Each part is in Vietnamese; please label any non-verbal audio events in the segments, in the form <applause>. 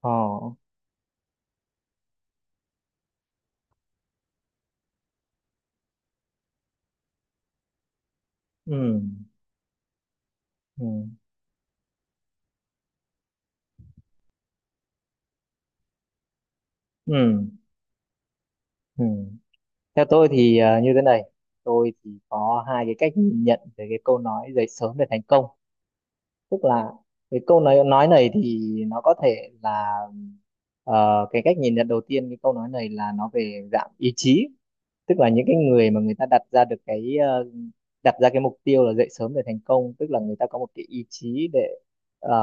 Ờ, ừ, ừ, ừ, ừ. Theo tôi thì như thế này, tôi thì có hai cái cách nhìn nhận về cái câu nói dậy sớm để thành công. Tức là cái câu nói này thì nó có thể là cái cách nhìn nhận đầu tiên cái câu nói này là nó về dạng ý chí, tức là những cái người mà người ta đặt ra được cái đặt ra cái mục tiêu là dậy sớm để thành công, tức là người ta có một cái ý chí để ờ,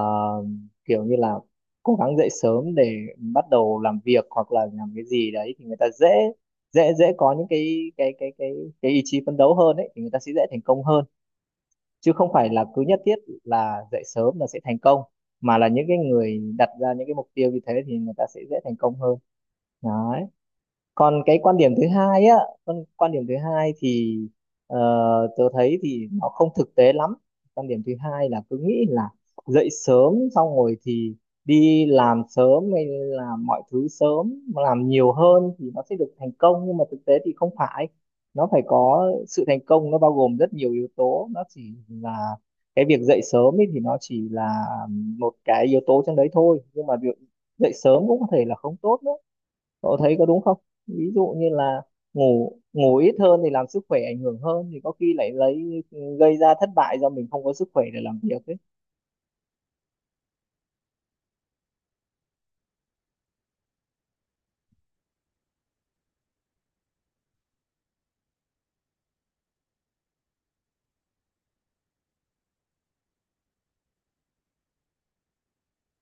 kiểu như là cố gắng dậy sớm để bắt đầu làm việc hoặc là làm cái gì đấy thì người ta dễ dễ dễ có những cái ý chí phấn đấu hơn ấy, thì người ta sẽ dễ thành công hơn, chứ không phải là cứ nhất thiết là dậy sớm là sẽ thành công, mà là những cái người đặt ra những cái mục tiêu như thế thì người ta sẽ dễ thành công hơn đấy. Còn cái quan điểm thứ hai á, quan quan điểm thứ hai thì ờ, tớ thấy thì nó không thực tế lắm. Quan điểm thứ hai là cứ nghĩ là dậy sớm xong rồi thì đi làm sớm hay làm mọi thứ sớm, làm nhiều hơn thì nó sẽ được thành công, nhưng mà thực tế thì không phải, nó phải có sự thành công, nó bao gồm rất nhiều yếu tố, nó chỉ là cái việc dậy sớm ấy thì nó chỉ là một cái yếu tố trong đấy thôi, nhưng mà việc dậy sớm cũng có thể là không tốt nữa. Cậu thấy có đúng không? Ví dụ như là ngủ ngủ ít hơn thì làm sức khỏe ảnh hưởng hơn thì có khi lại lấy gây ra thất bại do mình không có sức khỏe để làm việc ấy.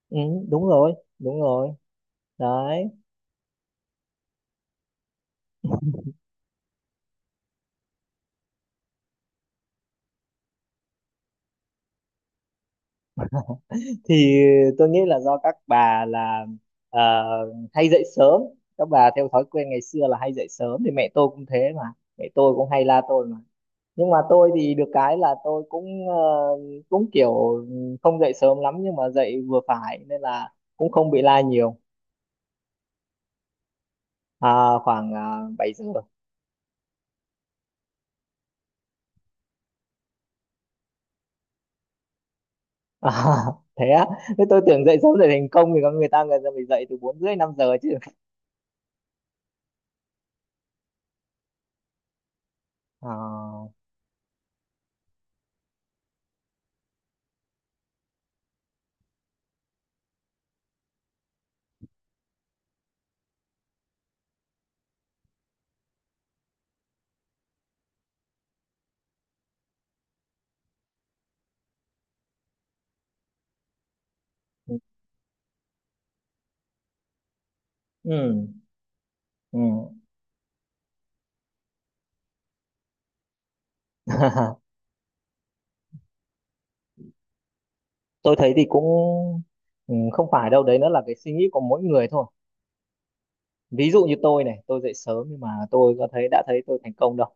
Ừ, đúng rồi, đúng rồi đấy. Thì tôi nghĩ là do các bà là ờ, hay dậy sớm, các bà theo thói quen ngày xưa là hay dậy sớm thì mẹ tôi cũng thế mà, mẹ tôi cũng hay la tôi mà, nhưng mà tôi thì được cái là tôi cũng cũng kiểu không dậy sớm lắm nhưng mà dậy vừa phải nên là cũng không bị la nhiều. À, khoảng 7 giờ. À, <laughs> thế á? Thế tôi tưởng dậy sớm để thành công thì có người ta phải dậy từ 4:30 5 giờ chứ. À, ừ, ừ. <laughs> Tôi thấy thì cũng ừ, không phải đâu đấy, nó là cái suy nghĩ của mỗi người thôi. Ví dụ như tôi này, tôi dậy sớm nhưng mà tôi có thấy đã thấy tôi thành công đâu.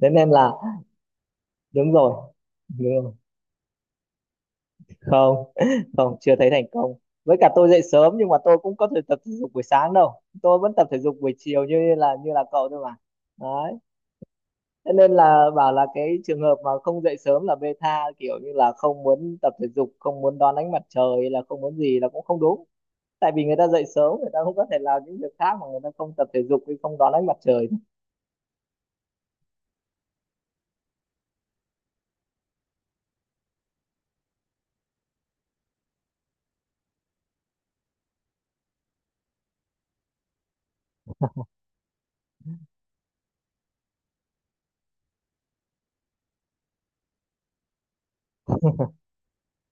Thế nên là đúng rồi, đúng rồi. Không, <laughs> không, chưa thấy thành công. Với cả tôi dậy sớm nhưng mà tôi cũng có thể tập thể dục buổi sáng đâu, tôi vẫn tập thể dục buổi chiều như là cậu thôi mà. Thế nên là bảo là cái trường hợp mà không dậy sớm là bê tha, kiểu như là không muốn tập thể dục, không muốn đón ánh mặt trời hay là không muốn gì là cũng không đúng, tại vì người ta dậy sớm người ta cũng có thể làm những việc khác mà người ta không tập thể dục hay không đón ánh mặt trời.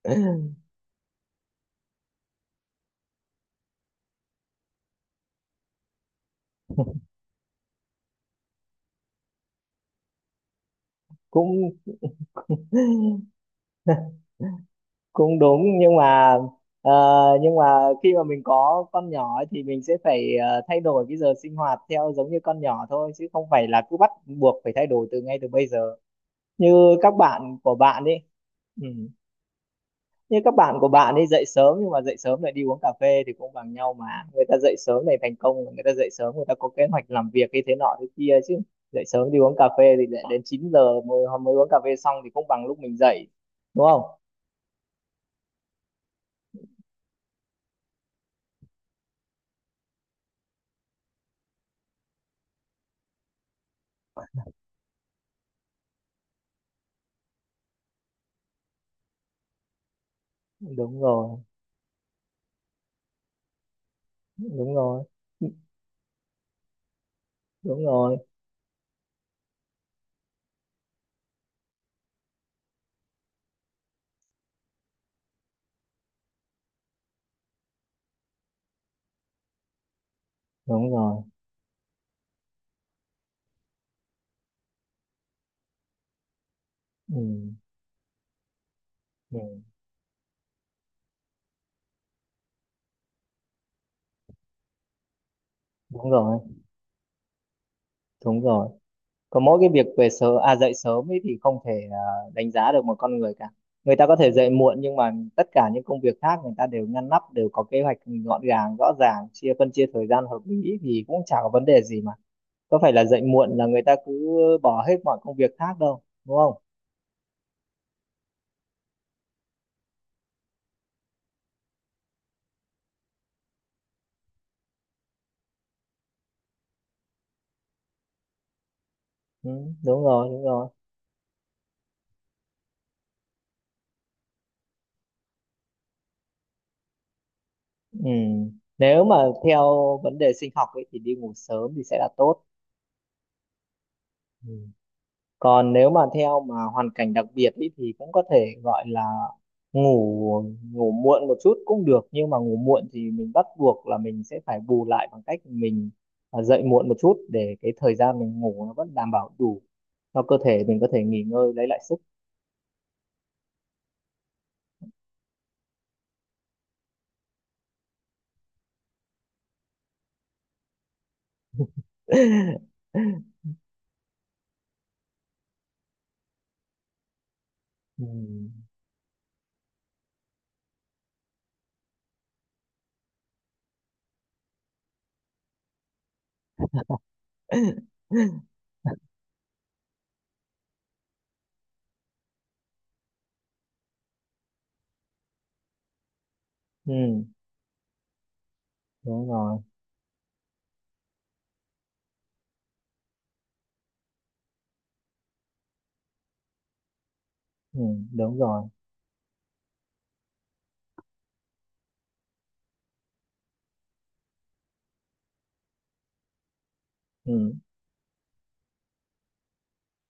<laughs> cũng cũng đúng nhưng mà ờ, nhưng mà khi mà mình có con nhỏ ấy, thì mình sẽ phải thay đổi cái giờ sinh hoạt theo giống như con nhỏ thôi, chứ không phải là cứ bắt buộc phải thay đổi từ ngay từ bây giờ như các bạn của bạn đi. Như các bạn của bạn ấy dậy sớm nhưng mà dậy sớm lại đi uống cà phê thì cũng bằng nhau mà. Người ta dậy sớm này thành công, người ta dậy sớm người ta có kế hoạch làm việc cái thế nọ thế kia chứ. Dậy sớm đi uống cà phê thì lại đến 9 giờ mới uống cà phê xong thì cũng bằng lúc mình dậy. Đúng không? Đúng rồi, đúng rồi, đúng rồi, đúng rồi. Ừ. Ừ. Đúng rồi, đúng rồi. Có mỗi cái việc về sớm à dậy sớm ấy thì không thể đánh giá được một con người cả. Người ta có thể dậy muộn nhưng mà tất cả những công việc khác người ta đều ngăn nắp, đều có kế hoạch gọn gàng, rõ ràng, chia phân chia thời gian hợp lý thì cũng chả có vấn đề gì mà. Có phải là dậy muộn là người ta cứ bỏ hết mọi công việc khác đâu, đúng không? Ừ, đúng rồi, đúng rồi. Ừ. Nếu mà theo vấn đề sinh học ấy thì đi ngủ sớm thì sẽ là tốt. Ừ. Còn nếu mà theo mà hoàn cảnh đặc biệt ý, thì cũng có thể gọi là ngủ ngủ muộn một chút cũng được, nhưng mà ngủ muộn thì mình bắt buộc là mình sẽ phải bù lại bằng cách mình dậy muộn một chút để cái thời gian mình ngủ nó vẫn đảm bảo đủ cho cơ thể mình có thể nghỉ ngơi lấy lại sức. <laughs> Ừ. Ừ, đúng rồi. Ừ, đúng rồi. Ừ,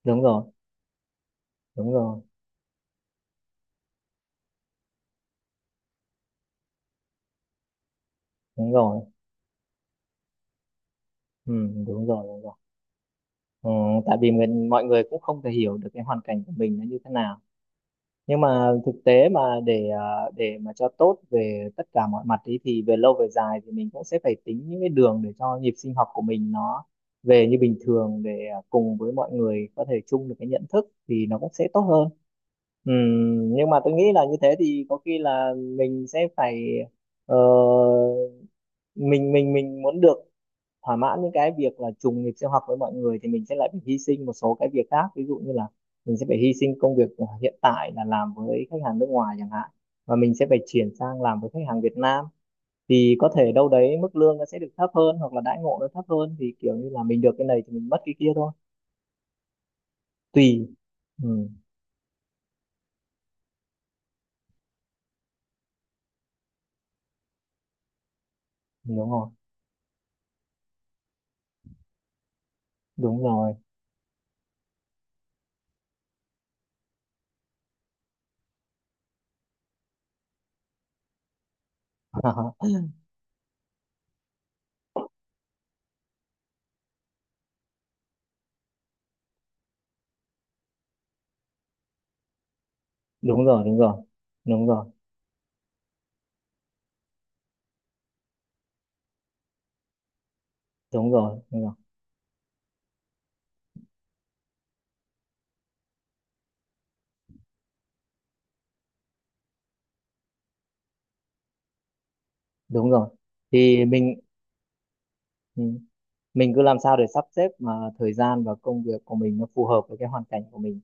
đúng rồi, đúng rồi, đúng rồi. Ừ, đúng rồi, đúng rồi. Ờ, tại vì mình mọi người cũng không thể hiểu được cái hoàn cảnh của mình nó như thế nào, nhưng mà thực tế mà để mà cho tốt về tất cả mọi mặt ý thì về lâu về dài thì mình cũng sẽ phải tính những cái đường để cho nhịp sinh học của mình nó về như bình thường để cùng với mọi người có thể chung được cái nhận thức thì nó cũng sẽ tốt hơn. Nhưng mà tôi nghĩ là như thế thì có khi là mình sẽ phải ờ, mình muốn được thỏa mãn những cái việc là trùng nghịch sinh hoạt với mọi người thì mình sẽ lại phải hy sinh một số cái việc khác, ví dụ như là mình sẽ phải hy sinh công việc hiện tại là làm với khách hàng nước ngoài chẳng hạn, và mình sẽ phải chuyển sang làm với khách hàng Việt Nam, thì có thể đâu đấy mức lương nó sẽ được thấp hơn hoặc là đãi ngộ nó thấp hơn, thì kiểu như là mình được cái này thì mình mất cái kia thôi. Tùy. Ừ, đúng rồi, đúng rồi. <laughs> Đúng rồi, đúng rồi, đúng rồi, đúng rồi, đúng rồi, đúng rồi. Thì mình ừ, mình cứ làm sao để sắp xếp mà thời gian và công việc của mình nó phù hợp với cái hoàn cảnh của mình.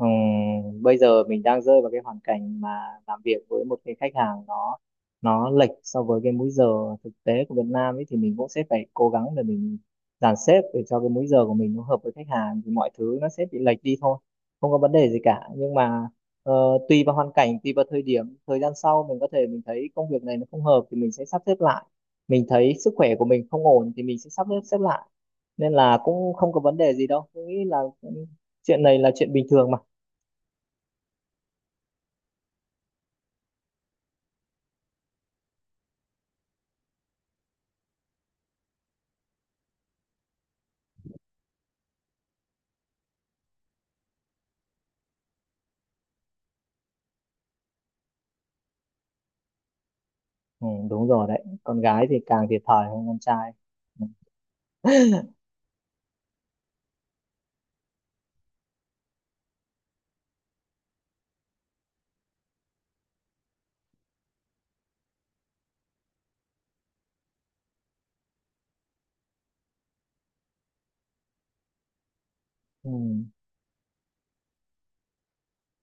Bây giờ mình đang rơi vào cái hoàn cảnh mà làm việc với một cái khách hàng nó lệch so với cái múi giờ thực tế của Việt Nam ấy, thì mình cũng sẽ phải cố gắng để mình dàn xếp để cho cái múi giờ của mình nó hợp với khách hàng thì mọi thứ nó sẽ bị lệch đi thôi, không có vấn đề gì cả, nhưng mà ờ, tùy vào hoàn cảnh tùy vào thời điểm, thời gian sau mình có thể mình thấy công việc này nó không hợp thì mình sẽ sắp xếp lại, mình thấy sức khỏe của mình không ổn thì mình sẽ sắp xếp xếp lại, nên là cũng không có vấn đề gì đâu, tôi nghĩ là cũng- chuyện này là chuyện bình thường mà. Ừ, đúng rồi đấy, con gái thì càng thiệt thòi hơn con trai. <laughs> Ừ. Ừ.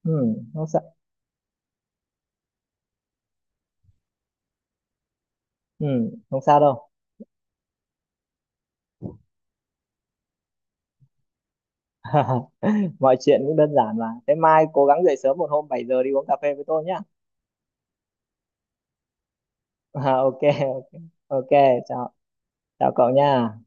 Ừ. Không sao. Ừ. Không sao đâu. <laughs> Mọi chuyện cũng đơn giản mà, thế mai cố gắng dậy sớm một hôm 7 giờ đi uống cà phê với tôi nhá. <laughs> À, ok. Ok. Ok. Chào. Chào cậu nha.